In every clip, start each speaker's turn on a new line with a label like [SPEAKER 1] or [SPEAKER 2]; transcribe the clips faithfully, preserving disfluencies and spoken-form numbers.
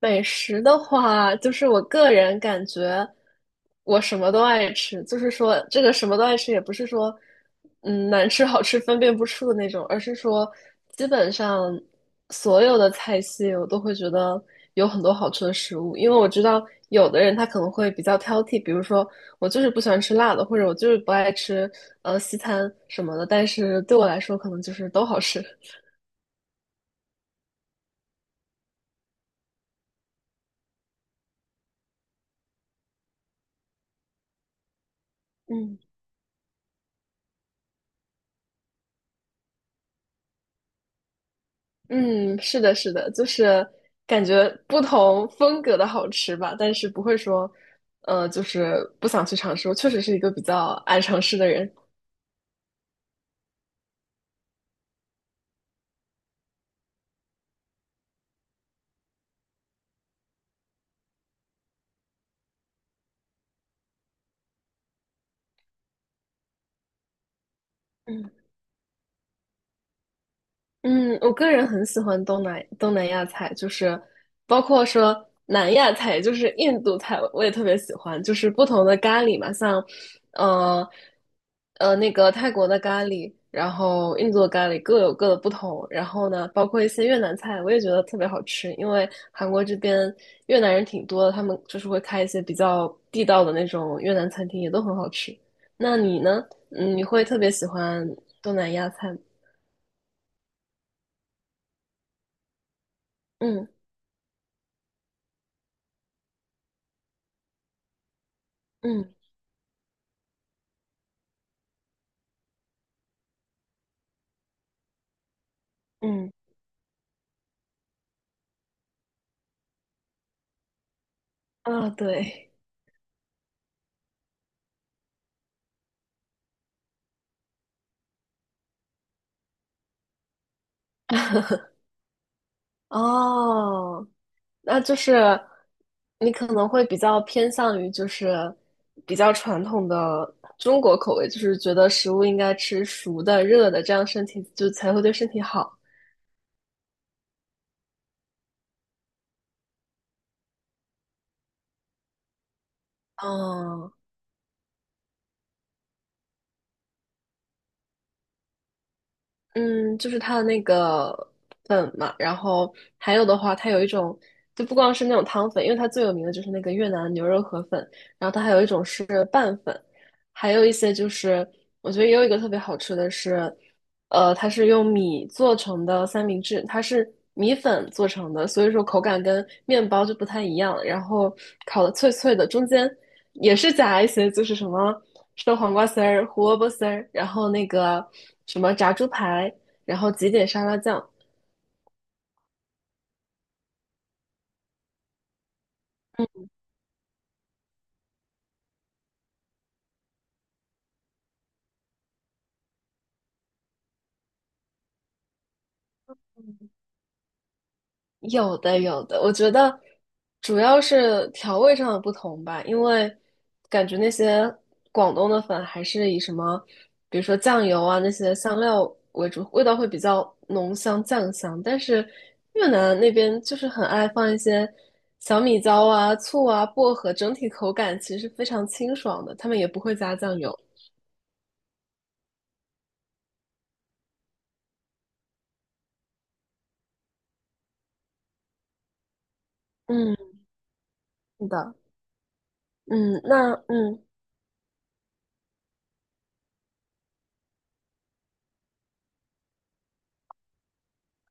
[SPEAKER 1] 美食的话，就是我个人感觉，我什么都爱吃。就是说，这个什么都爱吃，也不是说，嗯，难吃好吃分辨不出的那种，而是说，基本上所有的菜系我都会觉得有很多好吃的食物。因为我知道有的人他可能会比较挑剔，比如说我就是不喜欢吃辣的，或者我就是不爱吃呃西餐什么的。但是对我来说，可能就是都好吃。嗯。嗯，是的，是的，就是感觉不同风格的好吃吧，但是不会说，呃，就是不想去尝试。我确实是一个比较爱尝试的人。嗯。嗯，我个人很喜欢东南东南亚菜，就是包括说南亚菜，就是印度菜，我也特别喜欢。就是不同的咖喱嘛，像呃呃那个泰国的咖喱，然后印度的咖喱各有各的不同。然后呢，包括一些越南菜，我也觉得特别好吃，因为韩国这边越南人挺多的，他们就是会开一些比较地道的那种越南餐厅，也都很好吃。那你呢？嗯，你会特别喜欢东南亚菜吗？嗯嗯。嗯，啊，对，哦，那就是你可能会比较偏向于就是比较传统的中国口味，就是觉得食物应该吃熟的、热的，这样身体就才会对身体好。哦，嗯，就是它的那个粉嘛，然后还有的话，它有一种就不光是那种汤粉，因为它最有名的就是那个越南牛肉河粉，然后它还有一种是拌粉，还有一些就是我觉得也有一个特别好吃的是。呃，它是用米做成的三明治，它是米粉做成的，所以说口感跟面包就不太一样。然后烤的脆脆的，中间也是夹一些，就是什么生黄瓜丝儿、胡萝卜丝儿，然后那个什么炸猪排，然后挤点沙拉酱。有的有的，我觉得主要是调味上的不同吧，因为感觉那些广东的粉还是以什么，比如说酱油啊那些香料为主，味道会比较浓香酱香，但是越南那边就是很爱放一些小米椒啊、醋啊、薄荷，整体口感其实是非常清爽的，他们也不会加酱油。嗯，是的，嗯，那嗯。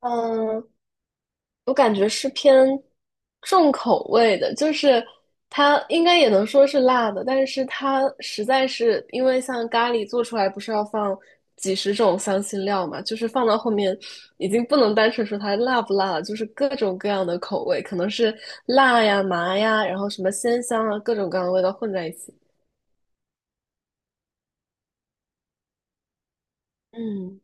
[SPEAKER 1] 嗯，我感觉是偏重口味的，就是它应该也能说是辣的，但是它实在是因为像咖喱做出来不是要放几十种香辛料嘛，就是放到后面已经不能单纯说它辣不辣了，就是各种各样的口味，可能是辣呀、麻呀，然后什么鲜香啊，各种各样的味道混在一起。嗯，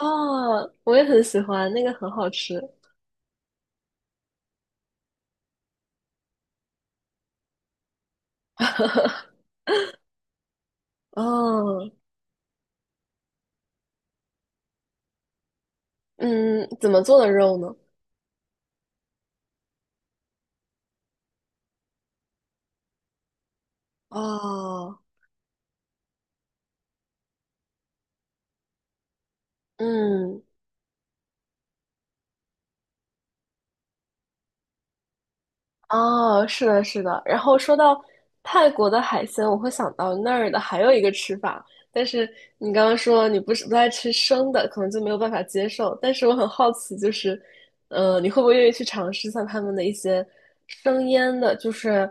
[SPEAKER 1] 哦，我也很喜欢，那个很好吃。哦，嗯，怎么做的肉呢？哦，嗯。哦，是的，是的。然后说到泰国的海鲜，我会想到那儿的还有一个吃法，但是你刚刚说你不是不爱吃生的，可能就没有办法接受。但是我很好奇，就是，呃，你会不会愿意去尝试像他们的一些生腌的，就是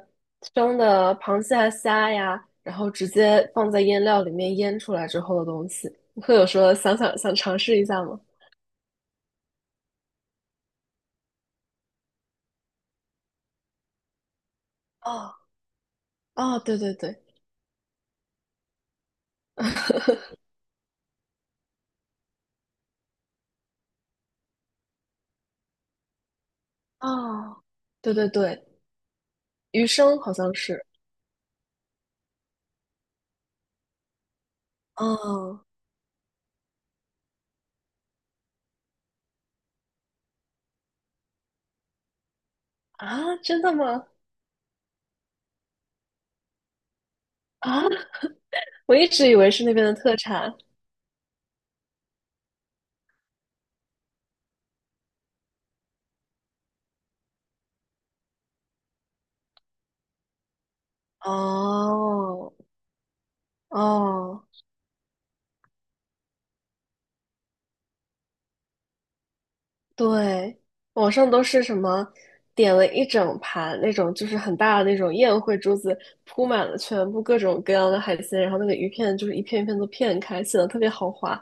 [SPEAKER 1] 生的螃蟹啊、虾呀，然后直接放在腌料里面腌出来之后的东西？你会有说想想想尝试一下吗？哦，哦，对对对，哦，对对对，鱼生好像是。哦，啊，真的吗？啊，我一直以为是那边的特产。哦，哦，对，网上都是什么点了一整盘那种，就是很大的那种宴会桌子，铺满了全部各种各样的海鲜，然后那个鱼片就是一片一片都片开，显得特别豪华。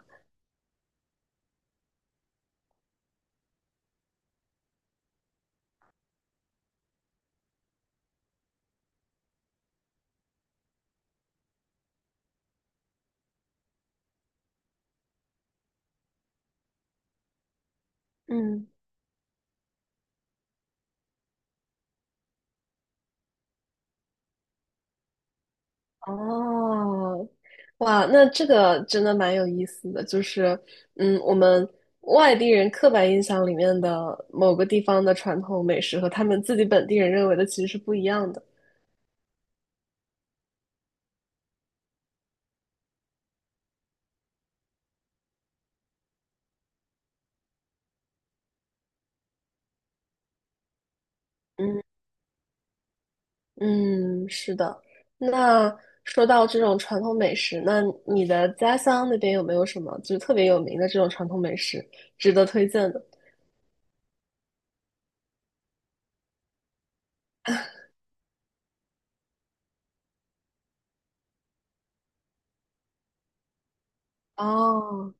[SPEAKER 1] 嗯哦，哇，那这个真的蛮有意思的，就是，嗯，我们外地人刻板印象里面的某个地方的传统美食和他们自己本地人认为的其实是不一样的。嗯，是的。那说到这种传统美食，那你的家乡那边有没有什么就是特别有名的这种传统美食值得推荐的？哦，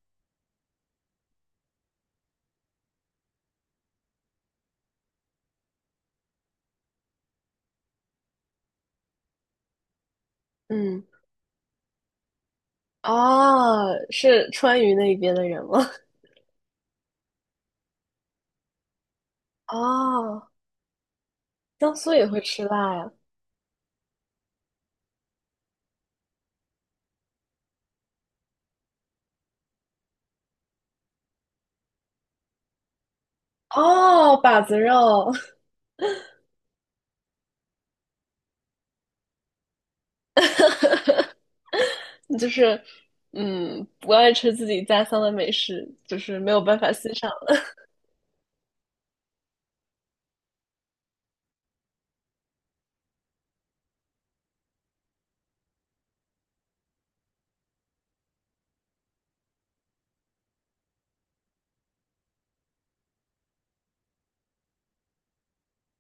[SPEAKER 1] 嗯，哦，是川渝那边的人吗？哦，江苏也会吃辣呀。哦，把子肉，就是，嗯，不爱吃自己家乡的美食，就是没有办法欣赏了。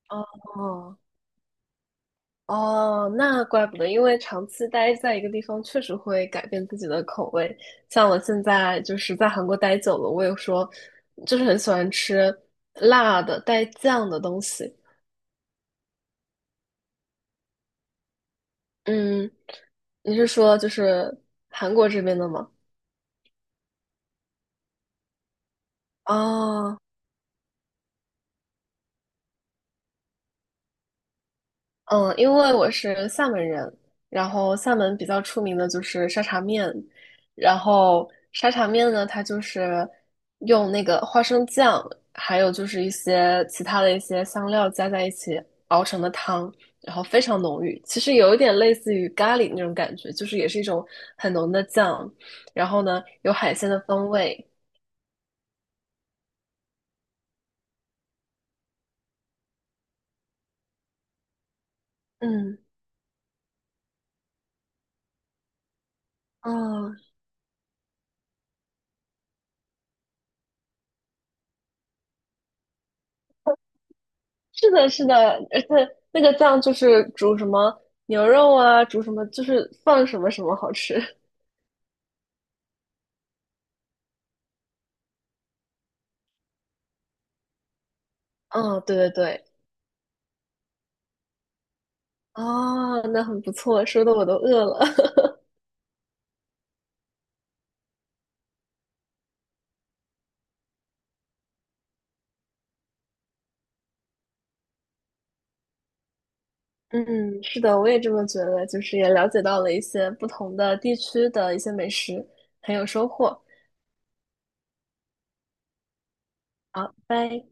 [SPEAKER 1] 哦哦，那怪不得，因为长期待在一个地方，确实会改变自己的口味。像我现在就是在韩国待久了，我也说，就是很喜欢吃辣的带酱的东西。嗯，你是说就是韩国这边的吗？哦嗯，因为我是厦门人，然后厦门比较出名的就是沙茶面，然后沙茶面呢，它就是用那个花生酱，还有就是一些其他的一些香料加在一起熬成的汤，然后非常浓郁，其实有一点类似于咖喱那种感觉，就是也是一种很浓的酱，然后呢有海鲜的风味，嗯。哦，是的，是的，而且那个酱就是煮什么牛肉啊，煮什么就是放什么什么好吃。嗯，对对对，哦，那很不错，说的我都饿了。嗯，是的，我也这么觉得，就是也了解到了一些不同的地区的一些美食，很有收获。好，拜拜。